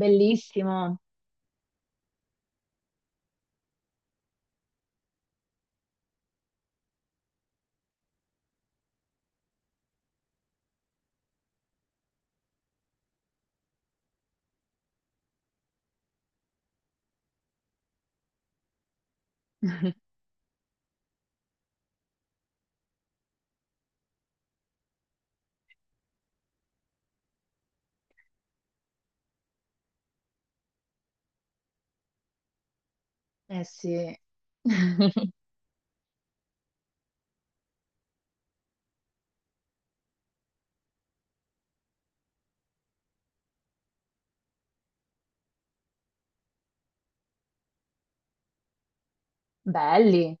Bellissimo. Eh sì. Belli.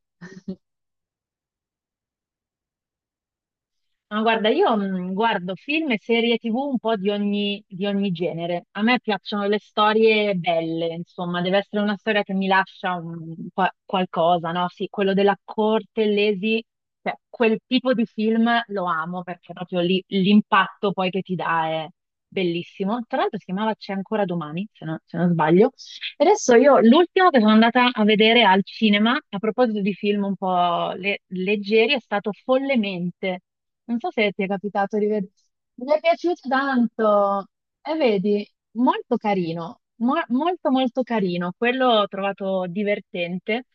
Ma guarda, io guardo film e serie TV un po' di ogni genere. A me piacciono le storie belle, insomma, deve essere una storia che mi lascia un qualcosa, no? Sì, quello della corte, l'Esi, cioè, quel tipo di film lo amo perché proprio l'impatto poi che ti dà è bellissimo. Tra l'altro si chiamava C'è ancora domani, se non sbaglio. Adesso io l'ultimo che sono andata a vedere al cinema, a proposito di film un po' leggeri, è stato Follemente. Non so se ti è capitato di vedere. Mi è piaciuto tanto. E vedi, molto carino, molto molto carino, quello ho trovato divertente.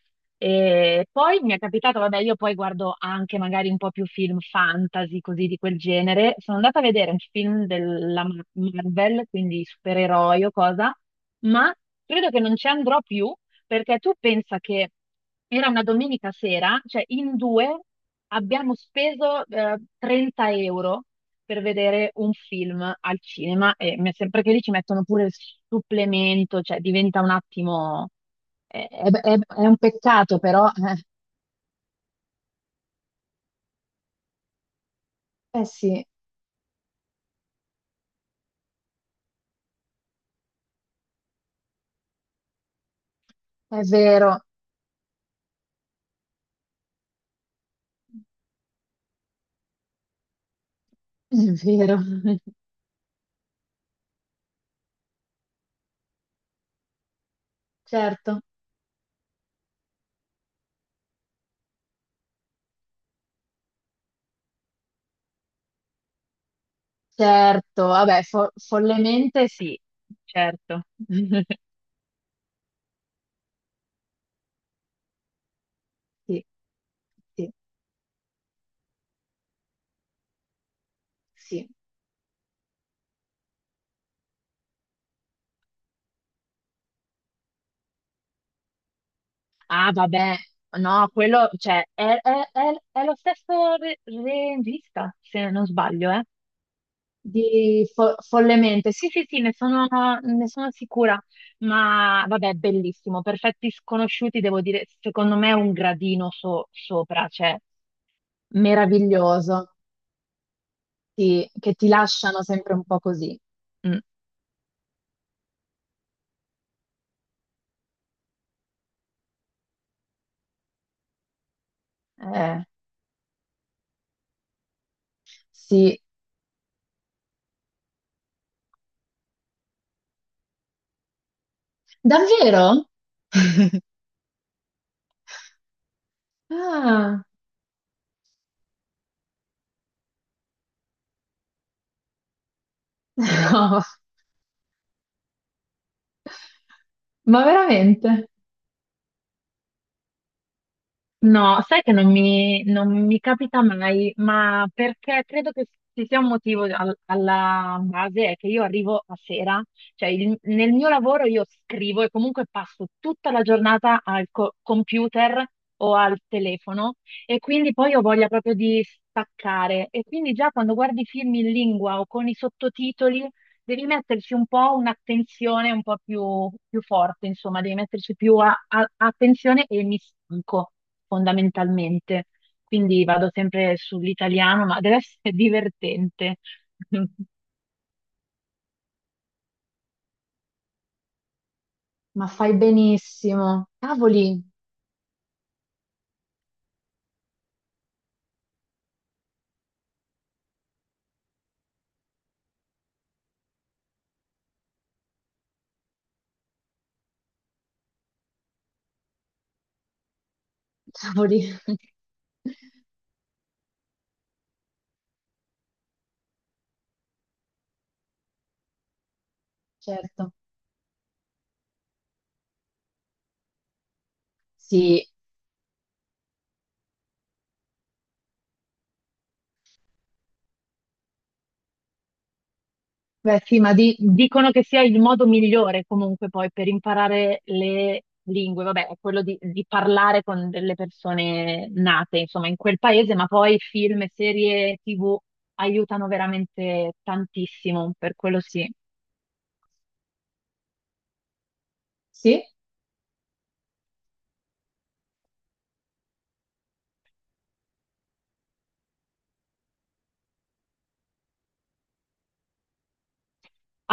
E poi mi è capitato, vabbè, io poi guardo anche magari un po' più film fantasy, così di quel genere. Sono andata a vedere un film della Marvel, quindi supereroi o cosa, ma credo che non ci andrò più perché tu pensa che era una domenica sera, cioè in due abbiamo speso 30 euro per vedere un film al cinema e mi è sempre che lì ci mettono pure il supplemento, cioè diventa un attimo... È un peccato, però... eh sì, è vero, è vero, certo, certo, vabbè, follemente sì, certo. Sì. Sì, sì. Ah, vabbè, no, quello, cioè, è lo stesso regista, se non sbaglio, eh? Di follemente, sì, sì, sì, ne sono sicura, ma vabbè, bellissimo. Perfetti sconosciuti, devo dire, secondo me è un gradino sopra, cioè meraviglioso, sì, che ti lasciano sempre un po' così. Mm, eh, sì, davvero? Ah, no, ma veramente? No, sai che non mi capita mai, ma perché credo che ci sia un motivo alla base, è che io arrivo a sera, cioè nel mio lavoro io scrivo e comunque passo tutta la giornata al computer o al telefono e quindi poi ho voglia proprio di staccare e quindi già quando guardi film in lingua o con i sottotitoli devi metterci un po' un'attenzione un po' più forte, insomma, devi metterci più attenzione e mi stanco fondamentalmente. Quindi vado sempre sull'italiano, ma deve essere divertente. Ma fai benissimo. Cavoli, cavoli. Certo. Sì, beh, sì, ma dicono che sia il modo migliore comunque poi per imparare le lingue, vabbè, è quello di parlare con delle persone nate, insomma, in quel paese, ma poi film e serie TV aiutano veramente tantissimo, per quello sì. Sì?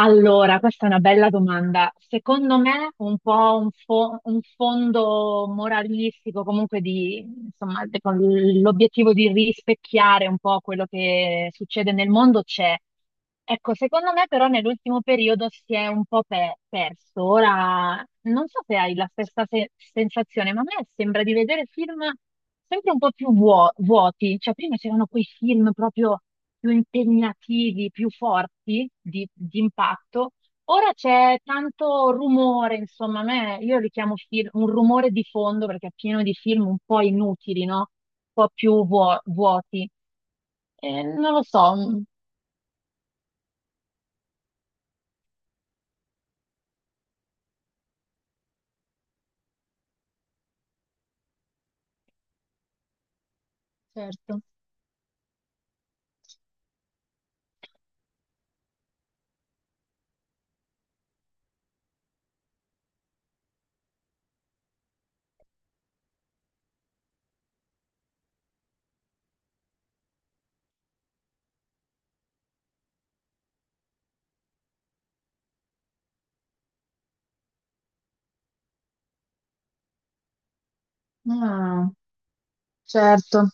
Allora, questa è una bella domanda. Secondo me un po' un fondo moralistico, comunque di, insomma, con l'obiettivo di rispecchiare un po' quello che succede nel mondo c'è. Ecco, secondo me però nell'ultimo periodo si è un po' perso. Ora, non so se hai la stessa sensazione, ma a me sembra di vedere film sempre un po' più vuoti. Cioè, prima c'erano quei film proprio più impegnativi, più forti di impatto. Ora c'è tanto rumore, insomma, a me, io li chiamo film, un rumore di fondo perché è pieno di film un po' inutili, no? Un po' più vuoti. Non lo so, mm, certo. Ah, certo,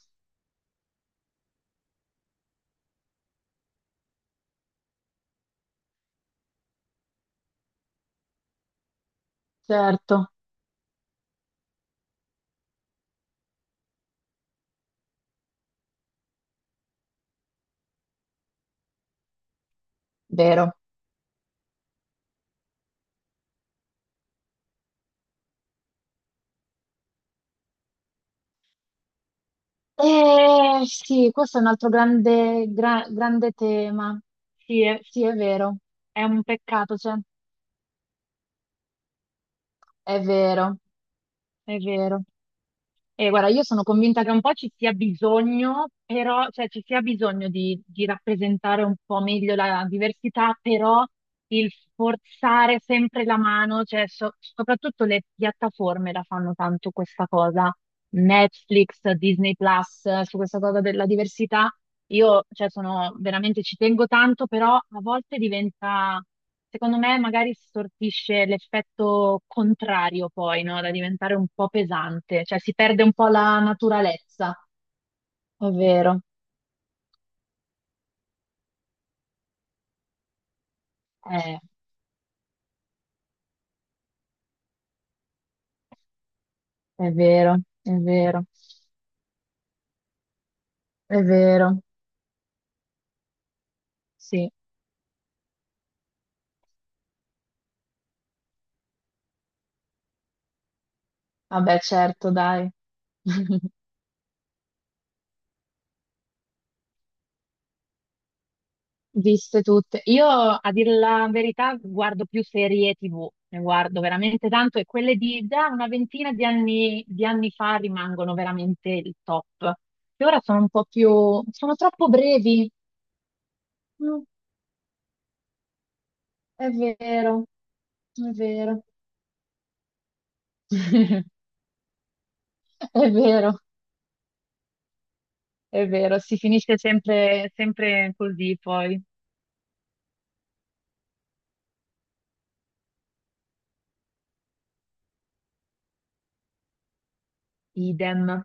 certo, vero. Sì, questo è un altro grande, grande tema. Sì, è vero. È un peccato, cioè, è vero, è vero. E guarda, io sono convinta che un po' ci sia bisogno, però, cioè ci sia bisogno di rappresentare un po' meglio la diversità, però il forzare sempre la mano, cioè soprattutto le piattaforme la fanno tanto questa cosa, Netflix, Disney Plus, su questa cosa della diversità, io, cioè, sono veramente, ci tengo tanto, però a volte diventa, secondo me, magari si sortisce l'effetto contrario poi, no? Da diventare un po' pesante, cioè si perde un po' la naturalezza. È vero, eh, è vero, è vero, è vero. Sì, vabbè, certo, dai. Viste tutte. Io, a dire la verità, guardo più serie TV, ne guardo veramente tanto e quelle di da una ventina di anni, fa rimangono veramente il top. E ora sono un po' più... sono troppo brevi. Mm, è vero, è vero. È vero, è vero, si finisce sempre, sempre così poi. Idem.